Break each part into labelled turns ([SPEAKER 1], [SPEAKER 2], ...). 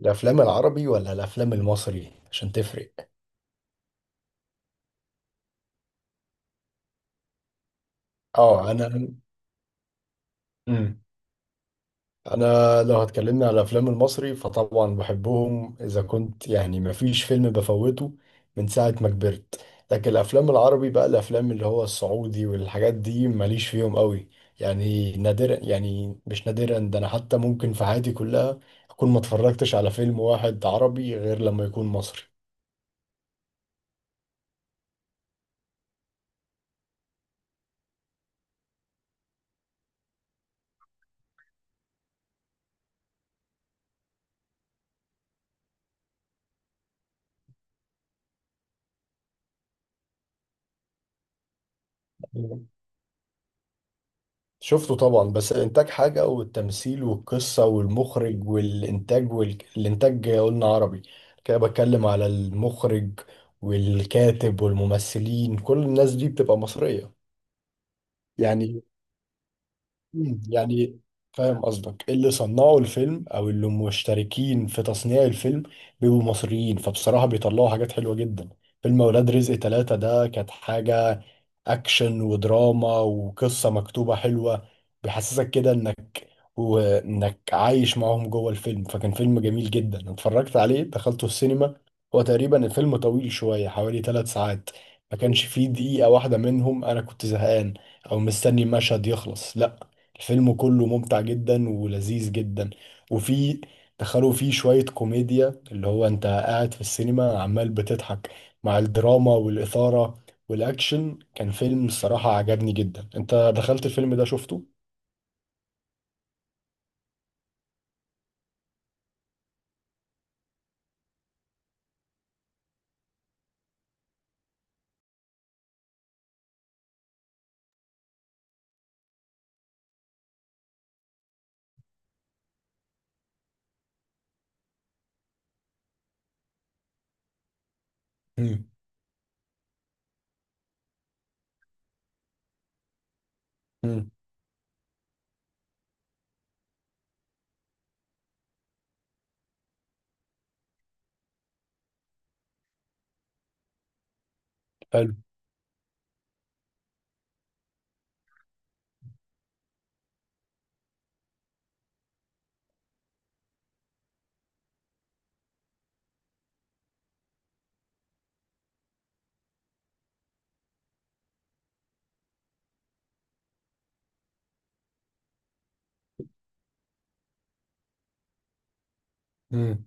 [SPEAKER 1] الافلام العربي ولا الافلام المصري عشان تفرق؟ اه. امم انا لو هتكلمنا على الافلام المصري فطبعا بحبهم، اذا كنت يعني ما فيش فيلم بفوته من ساعة ما كبرت. لكن الافلام العربي بقى الافلام اللي هو السعودي والحاجات دي ماليش فيهم قوي. يعني نادرا، يعني مش نادرا ده، انا حتى ممكن في حياتي كلها اكون ما اتفرجتش على فيلم واحد عربي غير لما يكون مصري. شفته طبعا، بس الانتاج حاجة والتمثيل والقصة والمخرج والانتاج قلنا عربي. كده بتكلم على المخرج والكاتب والممثلين، كل الناس دي بتبقى مصرية. يعني يعني فاهم قصدك، اللي صنعوا الفيلم او اللي مشتركين في تصنيع الفيلم بيبقوا مصريين، فبصراحة بيطلعوا حاجات حلوة جدا. فيلم اولاد رزق ثلاثة ده كانت حاجة، اكشن ودراما وقصة مكتوبة حلوة، بيحسسك كده انك وانك عايش معاهم جوه الفيلم، فكان فيلم جميل جدا. أنا اتفرجت عليه، دخلته السينما. هو تقريبا الفيلم طويل شوية، حوالي 3 ساعات، ما كانش فيه دقيقة واحدة منهم انا كنت زهقان او مستني المشهد يخلص، لا، الفيلم كله ممتع جدا ولذيذ جدا. وفي دخلوا فيه شوية كوميديا، اللي هو انت قاعد في السينما عمال بتضحك مع الدراما والإثارة والأكشن. كان فيلم، الصراحة، عجبني جدا. انت دخلت الفيلم ده، شفته؟ مم. مم. حلو. مم.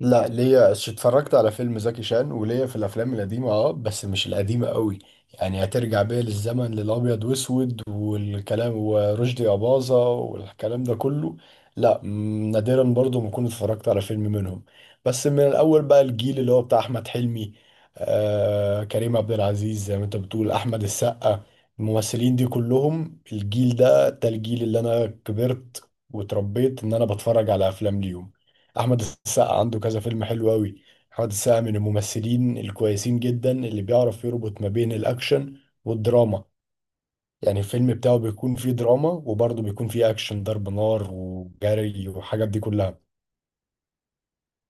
[SPEAKER 1] لا، ليا اتفرجت على فيلم زكي شان، وليا في الافلام القديمه، اه، بس مش القديمه قوي، يعني هترجع بيا للزمن للابيض واسود والكلام ورشدي اباظه والكلام ده كله، لا نادرا برضو ما كنت اتفرجت على فيلم منهم. بس من الاول بقى الجيل اللي هو بتاع احمد حلمي، آه، كريم عبد العزيز، زي ما انت بتقول، احمد السقا. الممثلين دي كلهم الجيل ده، ده الجيل اللي انا كبرت وتربيت ان انا بتفرج على افلام ليهم. احمد السقا عنده كذا فيلم حلو قوي. احمد السقا من الممثلين الكويسين جدا اللي بيعرف يربط ما بين الاكشن والدراما، يعني الفيلم بتاعه بيكون فيه دراما وبرضه بيكون فيه اكشن ضرب نار وجري وحاجات دي كلها.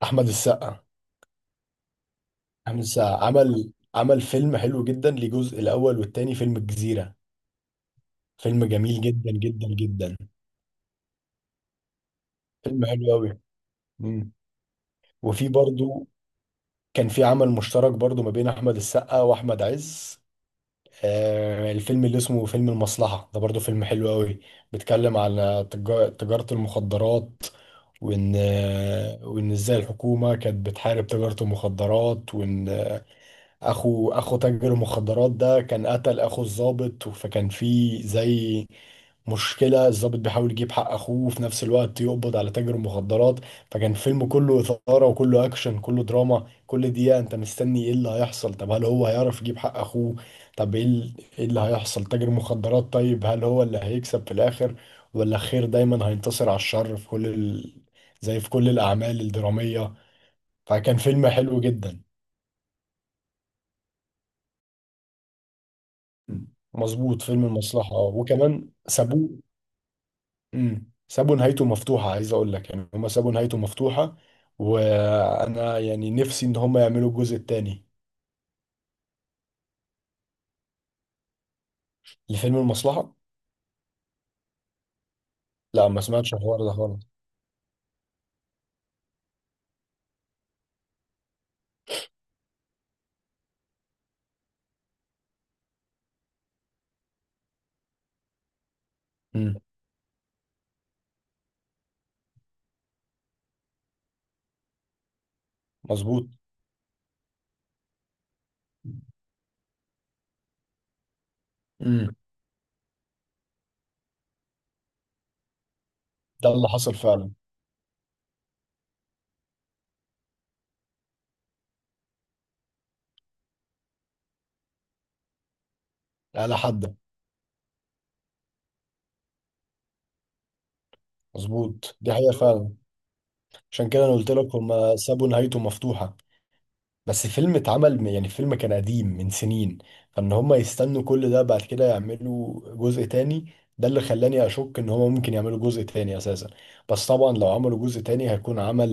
[SPEAKER 1] احمد السقا. احمد السقا عمل فيلم حلو جدا لجزء الاول والتاني، فيلم الجزيرة، فيلم جميل جدا جدا جدا. فيلم حلو قوي. وفي برضه كان في عمل مشترك برضه ما بين احمد السقا واحمد عز. آه، الفيلم اللي اسمه فيلم المصلحة ده برضو فيلم حلو قوي. بيتكلم على تجارة المخدرات، وإن إزاي الحكومة كانت بتحارب تجارة المخدرات، وإن اخو تاجر المخدرات ده كان قتل اخو الضابط، فكان في زي مشكلة. الضابط بيحاول يجيب حق اخوه وفي نفس الوقت يقبض على تاجر المخدرات. فكان الفيلم كله إثارة وكله اكشن كله دراما، كل دقيقة انت مستني ايه اللي هيحصل. طب هل هو هيعرف يجيب حق اخوه؟ طب ايه ال- إيه اللي هيحصل تاجر المخدرات؟ طيب هل هو اللي هيكسب في الاخر ولا الخير دايما هينتصر على الشر في كل زي في كل الاعمال الدرامية؟ فكان فيلم حلو جدا. مم. مظبوط، فيلم المصلحة، اه، وكمان سابوه. سابوا نهايته مفتوحة، عايز أقول لك يعني هما سابوا نهايته مفتوحة، وأنا يعني نفسي إن هما يعملوا الجزء التاني لفيلم المصلحة. لا، ما سمعتش الحوار ده خالص. مم. مظبوط. مم. ده اللي حصل فعلا. على حد. مظبوط، دي حقيقة فعلا. عشان كده أنا قلت لك هما سابوا نهايته مفتوحة. بس الفيلم اتعمل، يعني الفيلم كان قديم من سنين، فان هم يستنوا كل ده بعد كده يعملوا جزء تاني، ده اللي خلاني اشك ان هم ممكن يعملوا جزء تاني اساسا. بس طبعا لو عملوا جزء تاني هيكون عمل،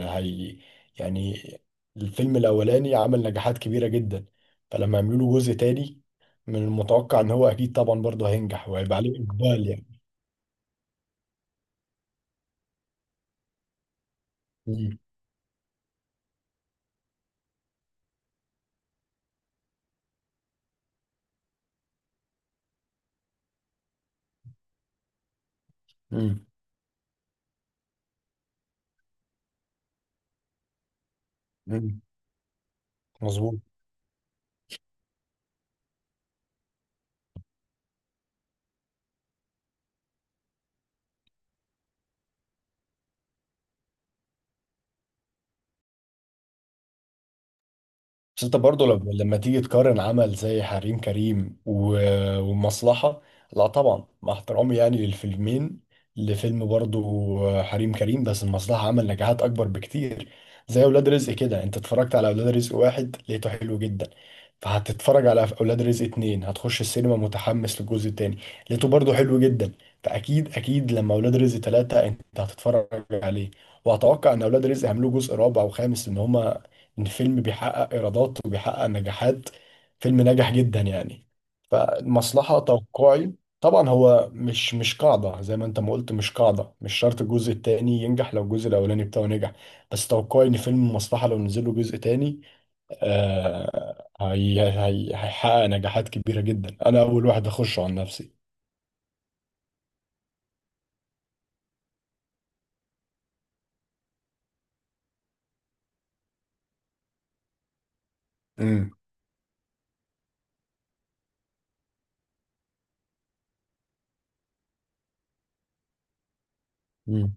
[SPEAKER 1] هي يعني الفيلم الاولاني عمل نجاحات كبيرة جدا. فلما يعملوا له جزء تاني، من المتوقع ان هو اكيد طبعا برضه هينجح وهيبقى عليه اقبال يعني. مم. مم. مم. مظبوط. بس انت برضه لما تيجي تقارن عمل زي حريم كريم والمصلحة. لا طبعا مع احترامي يعني للفيلمين، لفيلم برضه حريم كريم، بس المصلحة عمل نجاحات أكبر بكتير. زي أولاد رزق كده، انت اتفرجت على أولاد رزق واحد لقيته حلو جدا، فهتتفرج على أولاد رزق اتنين هتخش السينما متحمس للجزء التاني، لقيته برضه حلو جدا، فأكيد أكيد لما أولاد رزق تلاتة انت هتتفرج عليه. وأتوقع إن أولاد رزق هيعملوا جزء رابع وخامس، إن هما ان فيلم بيحقق ايرادات وبيحقق نجاحات فيلم ناجح جدا يعني. فالمصلحة توقعي طبعا هو مش قاعدة زي ما انت ما قلت، مش قاعدة مش شرط الجزء التاني ينجح لو الجزء الاولاني بتاعه نجح. بس توقعي ان فيلم المصلحة لو نزل له جزء تاني، آه هي هيحقق نجاحات كبيرة جدا، انا اول واحد اخشه عن نفسي. امم مم.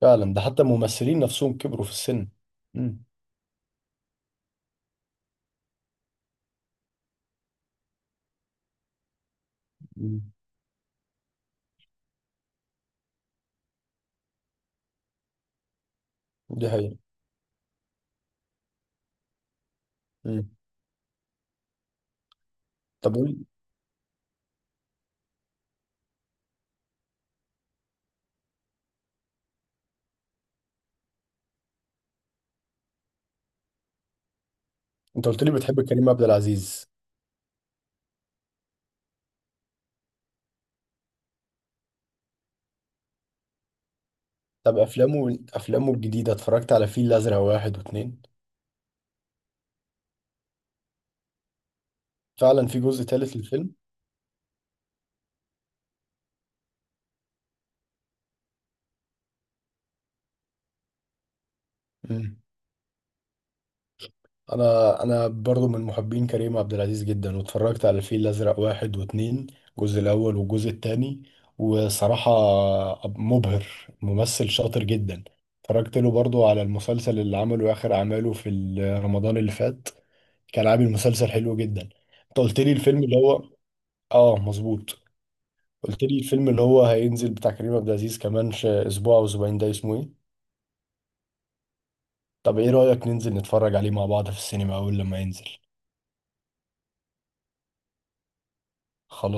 [SPEAKER 1] فعلا، ده حتى الممثلين نفسهم كبروا في السن. مم. أمم. دي حقيقة. أمم. طب قول- انت قلت لي بتحب كريم عبد العزيز. طب افلامه الجديده، اتفرجت على فيل الازرق واحد واتنين؟ فعلا في جزء تالت للفيلم. مم. انا برضو من محبين كريم عبد العزيز جدا، واتفرجت على الفيل الازرق واحد واتنين، الجزء الاول والجزء التاني، وصراحه مبهر، ممثل شاطر جدا. اتفرجت له برضو على المسلسل اللي عمله اخر اعماله في رمضان اللي فات، كان عامل مسلسل حلو جدا. انت قلت لي الفيلم اللي هو، اه مظبوط، قلت لي الفيلم اللي هو هينزل بتاع كريم عبد العزيز كمان اسبوع او اسبوعين، ده اسمه ايه؟ طب ايه رأيك ننزل نتفرج عليه مع بعض في السينما اول لما ينزل؟ خلاص.